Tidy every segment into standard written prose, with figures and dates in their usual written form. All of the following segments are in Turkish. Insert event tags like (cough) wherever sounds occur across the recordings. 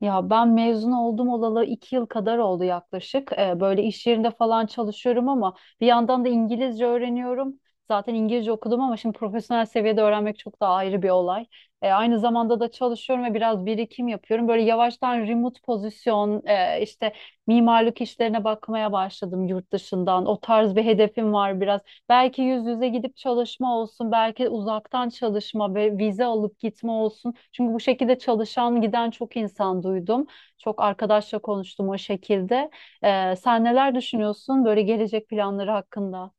Ya ben mezun oldum olalı iki yıl kadar oldu yaklaşık. Böyle iş yerinde falan çalışıyorum ama bir yandan da İngilizce öğreniyorum. Zaten İngilizce okudum ama şimdi profesyonel seviyede öğrenmek çok daha ayrı bir olay. Aynı zamanda da çalışıyorum ve biraz birikim yapıyorum. Böyle yavaştan remote pozisyon, işte mimarlık işlerine bakmaya başladım yurt dışından. O tarz bir hedefim var biraz. Belki yüz yüze gidip çalışma olsun, belki uzaktan çalışma ve vize alıp gitme olsun. Çünkü bu şekilde çalışan giden çok insan duydum. Çok arkadaşla konuştum o şekilde. Sen neler düşünüyorsun böyle gelecek planları hakkında?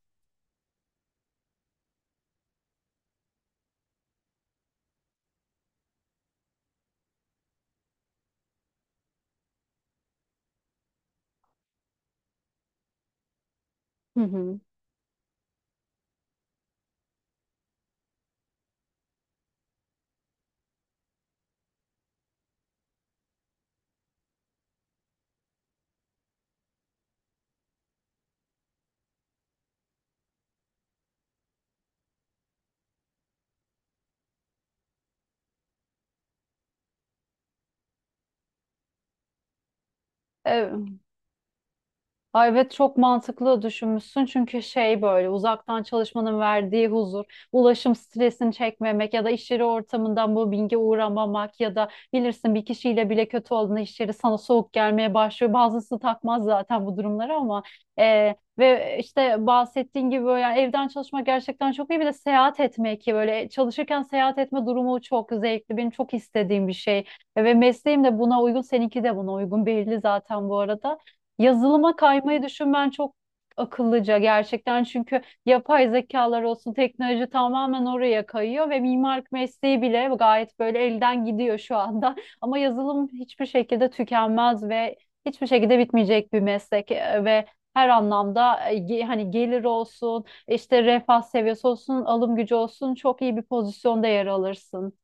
Hı hı. Evet. Ay evet, çok mantıklı düşünmüşsün, çünkü şey, böyle uzaktan çalışmanın verdiği huzur, ulaşım stresini çekmemek ya da iş yeri ortamından bu binge uğramamak ya da bilirsin, bir kişiyle bile kötü olduğunda iş yeri sana soğuk gelmeye başlıyor. Bazısı takmaz zaten bu durumları, ama ve işte bahsettiğin gibi böyle, yani evden çalışmak gerçekten çok iyi, bir de seyahat etmek, ki böyle çalışırken seyahat etme durumu çok zevkli, benim çok istediğim bir şey. Ve mesleğim de buna uygun, seninki de buna uygun, belli zaten bu arada. Yazılıma kaymayı düşünmen çok akıllıca gerçekten, çünkü yapay zekalar olsun, teknoloji tamamen oraya kayıyor ve mimarlık mesleği bile gayet böyle elden gidiyor şu anda. (laughs) Ama yazılım hiçbir şekilde tükenmez ve hiçbir şekilde bitmeyecek bir meslek, ve her anlamda hani gelir olsun, işte refah seviyesi olsun, alım gücü olsun, çok iyi bir pozisyonda yer alırsın.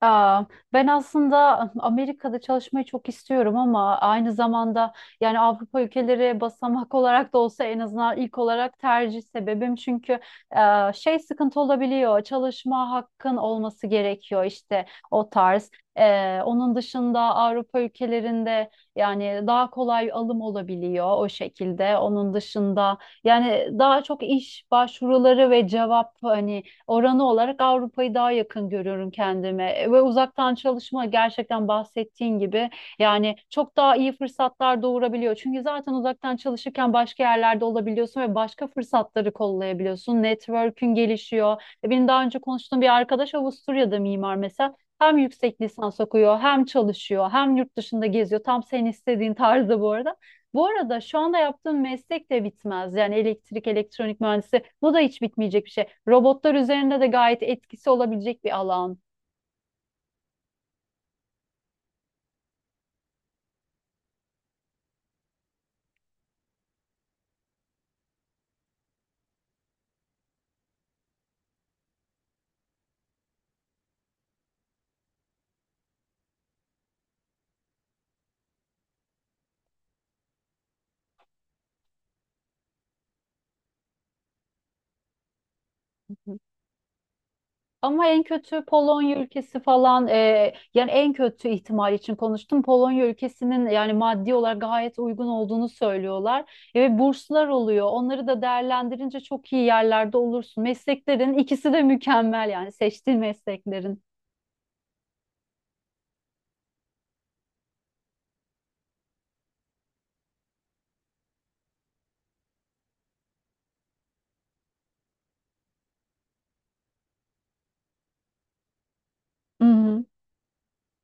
Aa, ben aslında Amerika'da çalışmayı çok istiyorum, ama aynı zamanda yani Avrupa ülkeleri basamak (laughs) olarak da olsa en azından ilk olarak tercih sebebim, çünkü şey, sıkıntı olabiliyor, çalışma hakkın olması gerekiyor, işte o tarz. Onun dışında Avrupa ülkelerinde yani daha kolay alım olabiliyor o şekilde. Onun dışında yani daha çok iş başvuruları ve cevap, hani oranı olarak Avrupa'yı daha yakın görüyorum kendime. Ve uzaktan çalışma gerçekten bahsettiğin gibi yani çok daha iyi fırsatlar doğurabiliyor. Çünkü zaten uzaktan çalışırken başka yerlerde olabiliyorsun ve başka fırsatları kollayabiliyorsun. Network'ün gelişiyor. Benim daha önce konuştuğum bir arkadaş Avusturya'da mimar mesela. Hem yüksek lisans okuyor, hem çalışıyor, hem yurt dışında geziyor. Tam senin istediğin tarzda bu arada. Bu arada şu anda yaptığım meslek de bitmez. Yani elektrik, elektronik mühendisi, bu da hiç bitmeyecek bir şey. Robotlar üzerinde de gayet etkisi olabilecek bir alan. Hı. Ama en kötü Polonya ülkesi falan, yani en kötü ihtimal için konuştum. Polonya ülkesinin yani maddi olarak gayet uygun olduğunu söylüyorlar. Ve burslar oluyor. Onları da değerlendirince çok iyi yerlerde olursun. Mesleklerin ikisi de mükemmel, yani seçtiğin mesleklerin. Hı hı.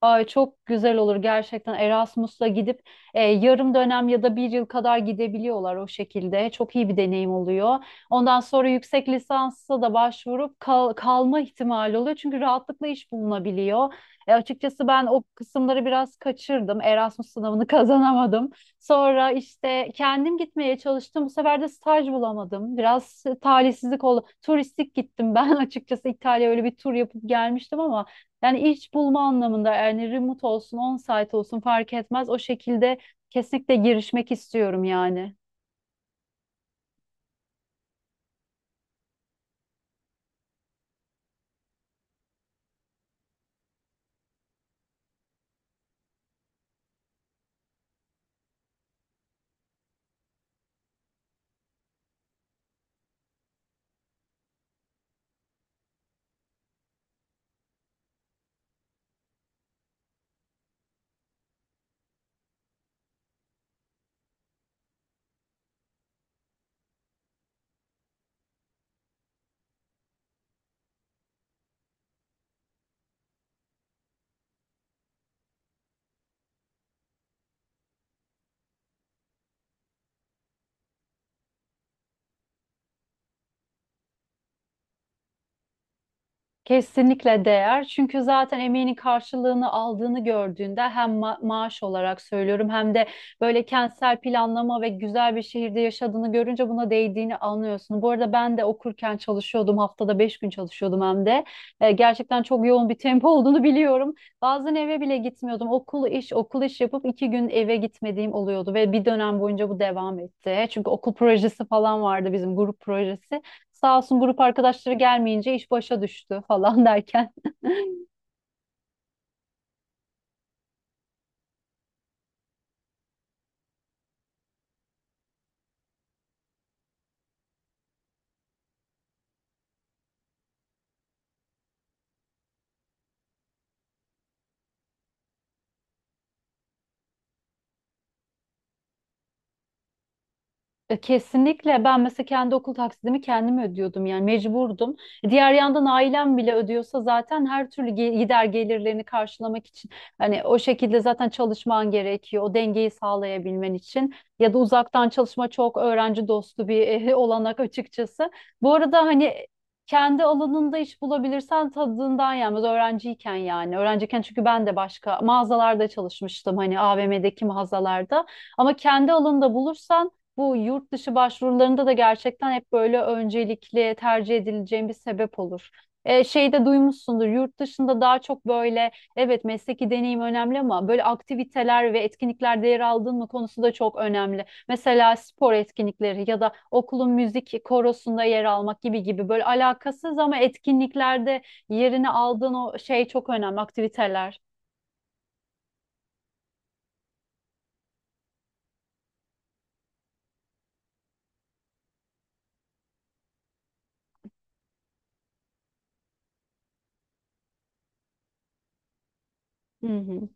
Ay çok güzel olur gerçekten, Erasmus'la gidip yarım dönem ya da bir yıl kadar gidebiliyorlar o şekilde. Çok iyi bir deneyim oluyor. Ondan sonra yüksek lisansa da başvurup kalma ihtimali oluyor. Çünkü rahatlıkla iş bulunabiliyor. Açıkçası ben o kısımları biraz kaçırdım. Erasmus sınavını (laughs) kazanamadım. Sonra işte kendim gitmeye çalıştım. Bu sefer de staj bulamadım. Biraz talihsizlik oldu. Turistik gittim ben (laughs) açıkçası, İtalya'ya öyle bir tur yapıp gelmiştim, ama yani iş bulma anlamında, yani remote olsun, on-site olsun fark etmez. O şekilde kesinlikle girişmek istiyorum yani. Kesinlikle değer. Çünkü zaten emeğinin karşılığını aldığını gördüğünde, hem maaş olarak söylüyorum, hem de böyle kentsel planlama ve güzel bir şehirde yaşadığını görünce buna değdiğini anlıyorsun. Bu arada ben de okurken çalışıyordum. Haftada beş gün çalışıyordum hem de. Gerçekten çok yoğun bir tempo olduğunu biliyorum. Bazen eve bile gitmiyordum. Okul iş, okul iş yapıp iki gün eve gitmediğim oluyordu ve bir dönem boyunca bu devam etti. Çünkü okul projesi falan vardı, bizim grup projesi. Sağ olsun grup arkadaşları gelmeyince iş başa düştü falan derken. (laughs) Kesinlikle, ben mesela kendi okul taksidimi kendim ödüyordum, yani mecburdum. Diğer yandan ailem bile ödüyorsa zaten her türlü gider gelirlerini karşılamak için hani o şekilde zaten çalışman gerekiyor o dengeyi sağlayabilmen için. Ya da uzaktan çalışma çok öğrenci dostu bir olanak açıkçası. Bu arada hani kendi alanında iş bulabilirsen tadından yenmez öğrenciyken, yani öğrenciyken, çünkü ben de başka mağazalarda çalışmıştım, hani AVM'deki mağazalarda, ama kendi alanında bulursan bu yurt dışı başvurularında da gerçekten hep böyle öncelikli tercih edileceğim bir sebep olur. Şey de duymuşsundur, yurt dışında daha çok böyle, evet, mesleki deneyim önemli, ama böyle aktiviteler ve etkinliklerde yer aldın mı konusu da çok önemli. Mesela spor etkinlikleri ya da okulun müzik korosunda yer almak gibi gibi, böyle alakasız ama etkinliklerde yerini aldığın o şey, çok önemli aktiviteler. Hı hı.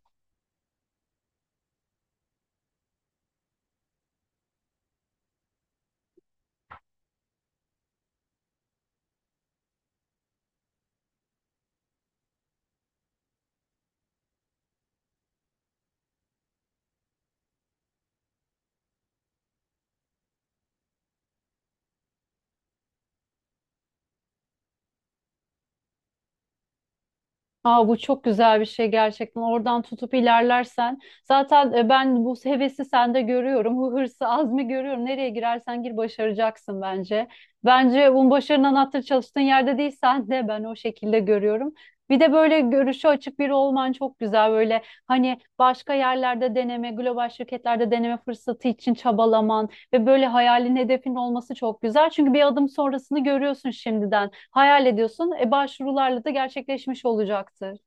Aa, bu çok güzel bir şey gerçekten. Oradan tutup ilerlersen. Zaten ben bu hevesi sende görüyorum. Bu hırsı, azmi görüyorum. Nereye girersen gir başaracaksın bence. Bence bunun, başarının anahtarı çalıştığın yerde değil, sen de ben o şekilde görüyorum. Bir de böyle görüşü açık biri olman çok güzel. Böyle hani başka yerlerde deneme, global şirketlerde deneme fırsatı için çabalaman. Ve böyle hayalin, hedefin olması çok güzel. Çünkü bir adım sonrasını görüyorsun şimdiden. Hayal ediyorsun. Başvurularla da gerçekleşmiş olacaktır.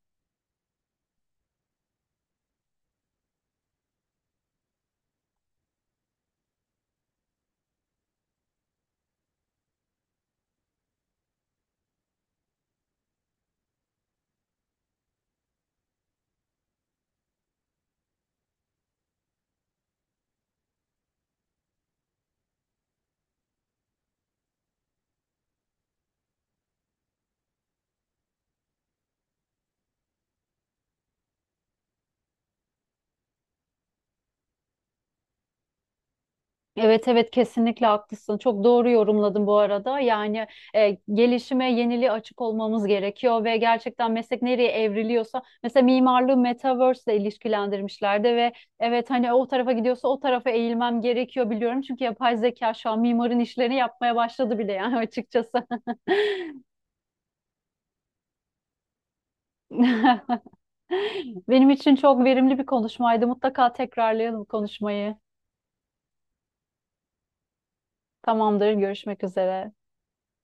Evet, evet, kesinlikle haklısın. Çok doğru yorumladın bu arada. Yani gelişime, yeniliğe açık olmamız gerekiyor ve gerçekten meslek nereye evriliyorsa, mesela mimarlığı metaverse ile ilişkilendirmişlerdi ve evet, hani o tarafa gidiyorsa o tarafa eğilmem gerekiyor, biliyorum. Çünkü yapay zeka şu an mimarın işlerini yapmaya başladı bile, yani açıkçası. (laughs) Benim için çok verimli bir konuşmaydı. Mutlaka tekrarlayalım konuşmayı. Tamamdır, görüşmek üzere.